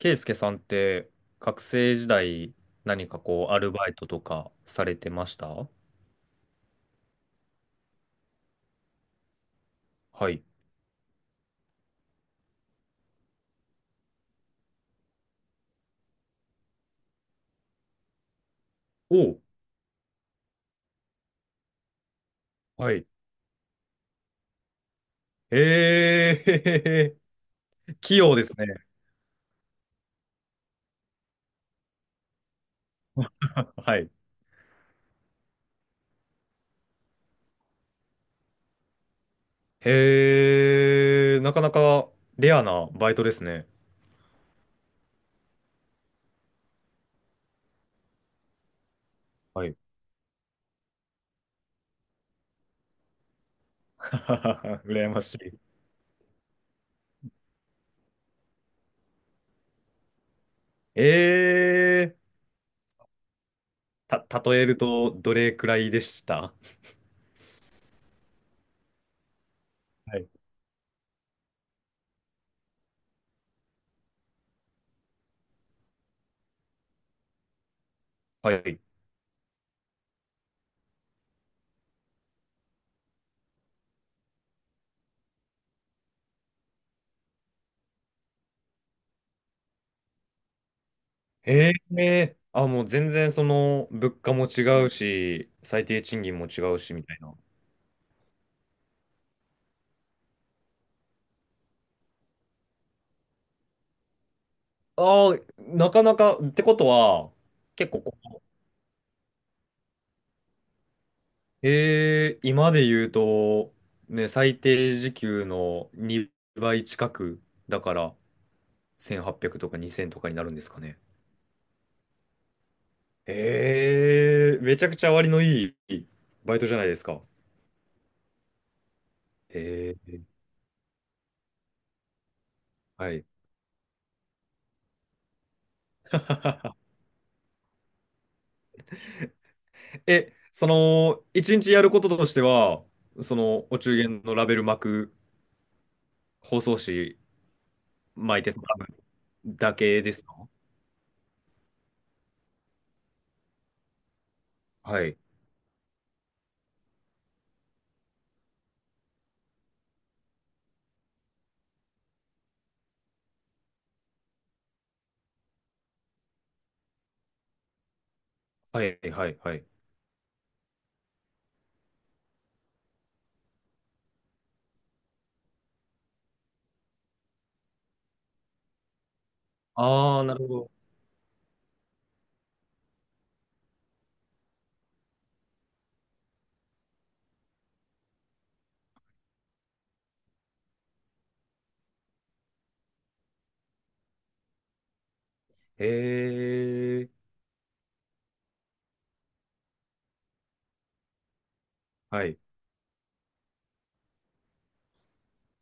ケイスケさんって学生時代何かこうアルバイトとかされてました？はい。おう。はい。へえ、器用ですね。はい。へえ、なかなかレアなバイトですね。はい。羨ましい。ええ、例えるとどれくらいでした？はい。はい。ええ、あ、もう全然その物価も違うし、最低賃金も違うしみたいな。ああ、なかなか、ってことは、結構こう、今で言うと、ね、最低時給の2倍近く、だから1800とか2000とかになるんですかね。めちゃくちゃ割のいいバイトじゃないですか。えー、はい。え、その、一日やることとしては、その、お中元のラベル巻く、包装紙巻いてもらうだけですか？はい。はい、はい、はい。ああ、なるほど。へえ、はい。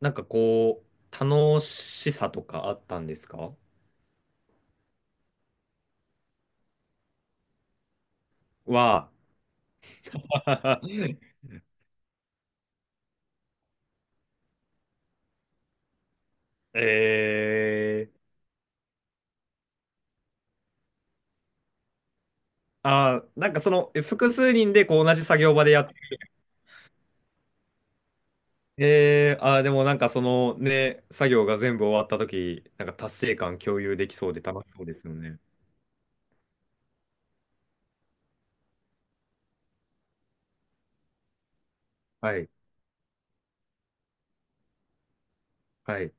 なんかこう、楽しさとかあったんですか？は、ええ、あー、なんかその、複数人でこう同じ作業場でやって、でもなんかそのね、作業が全部終わった時なんか達成感共有できそうで楽しそうですよね。はい、はい。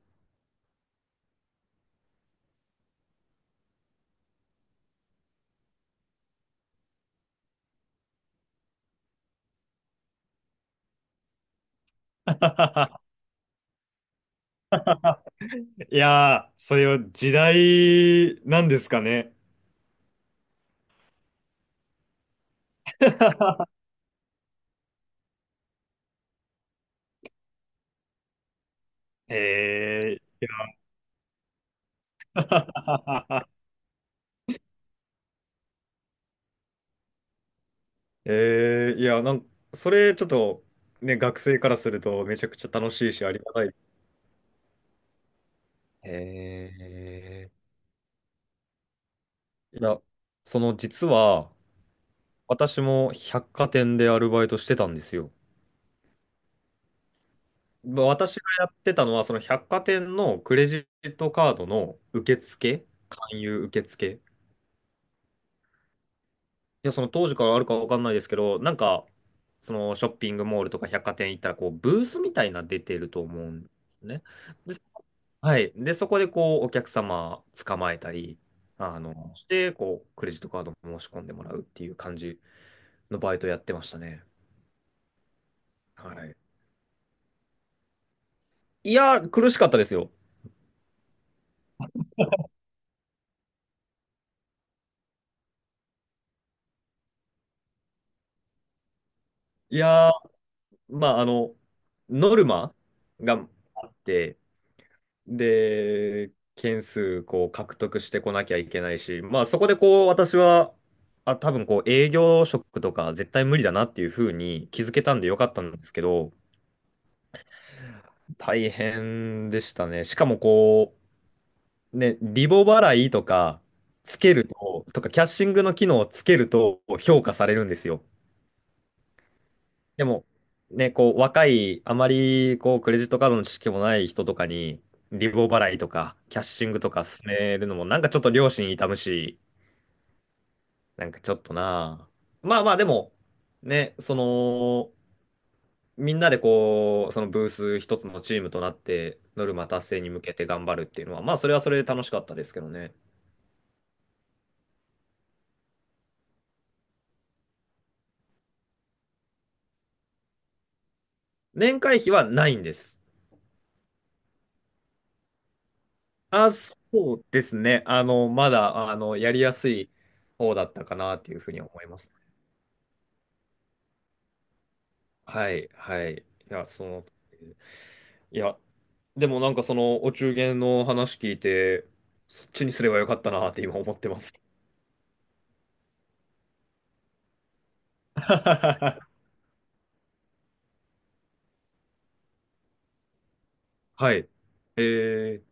いやー、それは時代なんですかね。ええ。 いや、それちょっと、ね、学生からするとめちゃくちゃ楽しいし、ありがたい。え。いや、その実は、私も百貨店でアルバイトしてたんですよ。まあ私がやってたのは、その百貨店のクレジットカードの受付、勧誘受付。いや、その当時からあるかわかんないですけど、なんか、そのショッピングモールとか百貨店行ったら、こう、ブースみたいなの出てると思うんですね。で、はい。で、そこでこう、お客様捕まえたり、して、こう、クレジットカードも申し込んでもらうっていう感じのバイトやってましたね。はい。いやー、苦しかったですよ。いやー、まあ、ノルマがあって、で、件数、こう、獲得してこなきゃいけないし、まあ、そこでこう、私は、あ、多分こう、営業職とか絶対無理だなっていうふうに気づけたんでよかったんですけど、大変でしたね。しかもこう、ね、リボ払いとかつけると、とかキャッシングの機能をつけると評価されるんですよ。でも、ね、こう若い、あまりこうクレジットカードの知識もない人とかに、リボ払いとかキャッシングとか勧めるのも、なんかちょっと良心痛むし、なんかちょっとなあ。まあまあ、でも、ね、その、みんなでこう、そのブース一つのチームとなって、ノルマ達成に向けて頑張るっていうのは、まあ、それはそれで楽しかったですけどね。年会費はないんです。あ、そうですね。まだ、やりやすい方だったかなっていうふうに思いますね。はい、はい。いや、その、いや、でもなんかその、お中元の話聞いて、そっちにすればよかったなって今思ってます。はい。えー、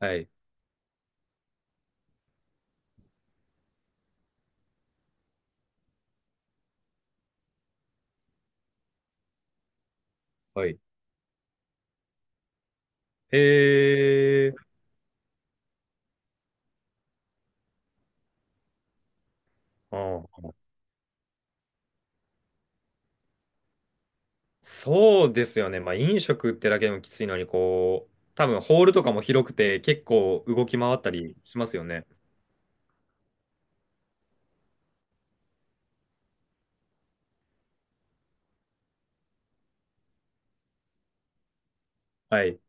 はい、はい。えー、うん。そうですよね。まあ、飲食ってだけでもきついのに、こう、多分ホールとかも広くて、結構動き回ったりしますよね。はい。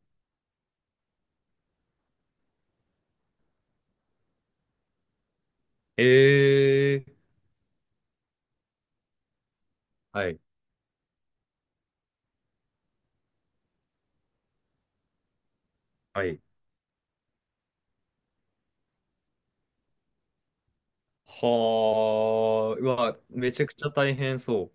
えーはい。はい。はあ、うわ、めちゃくちゃ大変そ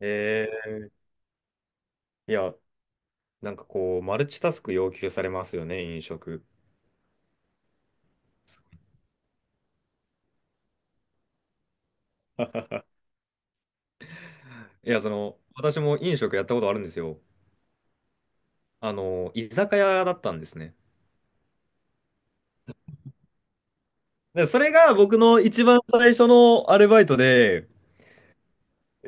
う。いや、なんかこう、マルチタスク要求されますよね、飲食。いや、その、私も飲食やったことあるんですよ。居酒屋だったんですね。で、それが僕の一番最初のアルバイトで、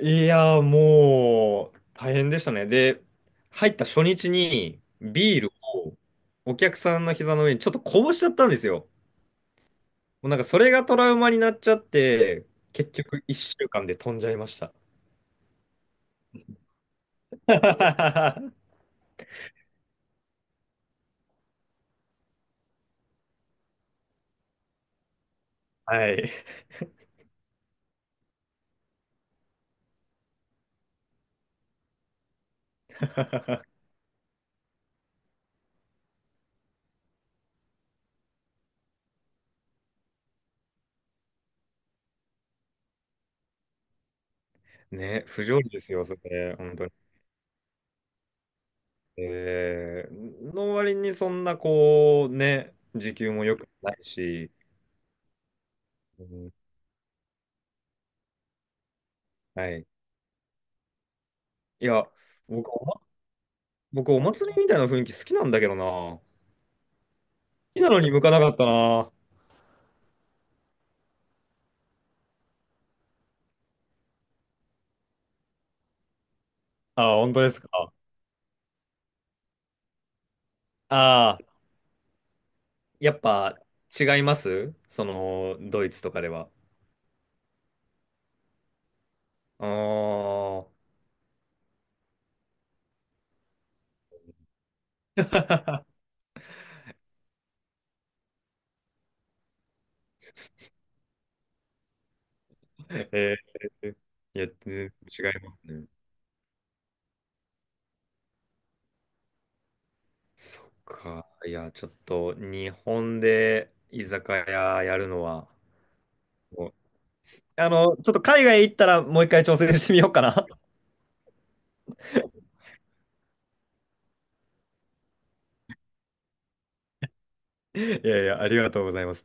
いや、もう、大変でしたね。で、入った初日に、ビールをお客さんの膝の上にちょっとこぼしちゃったんですよ。もうなんかそれがトラウマになっちゃって、結局1週間で飛んじゃいました。はい。ね、不条理ですよ、それ、本当に。の割にそんなこう、ね、時給も良くないし、うん、はい。いや、僕お、ま、僕、お祭りみたいな雰囲気好きなんだけどな。好きなのに向かなかったな。ああ、本当ですか。ああ、やっぱ違いますその、ドイツとかでは。ああ。えー、いや、全然違いますね。そっか。いや、ちょっと、日本で居酒屋やるのは、もう、ちょっと海外行ったらもう一回挑戦してみようかな。いやいや、ありがとうございます。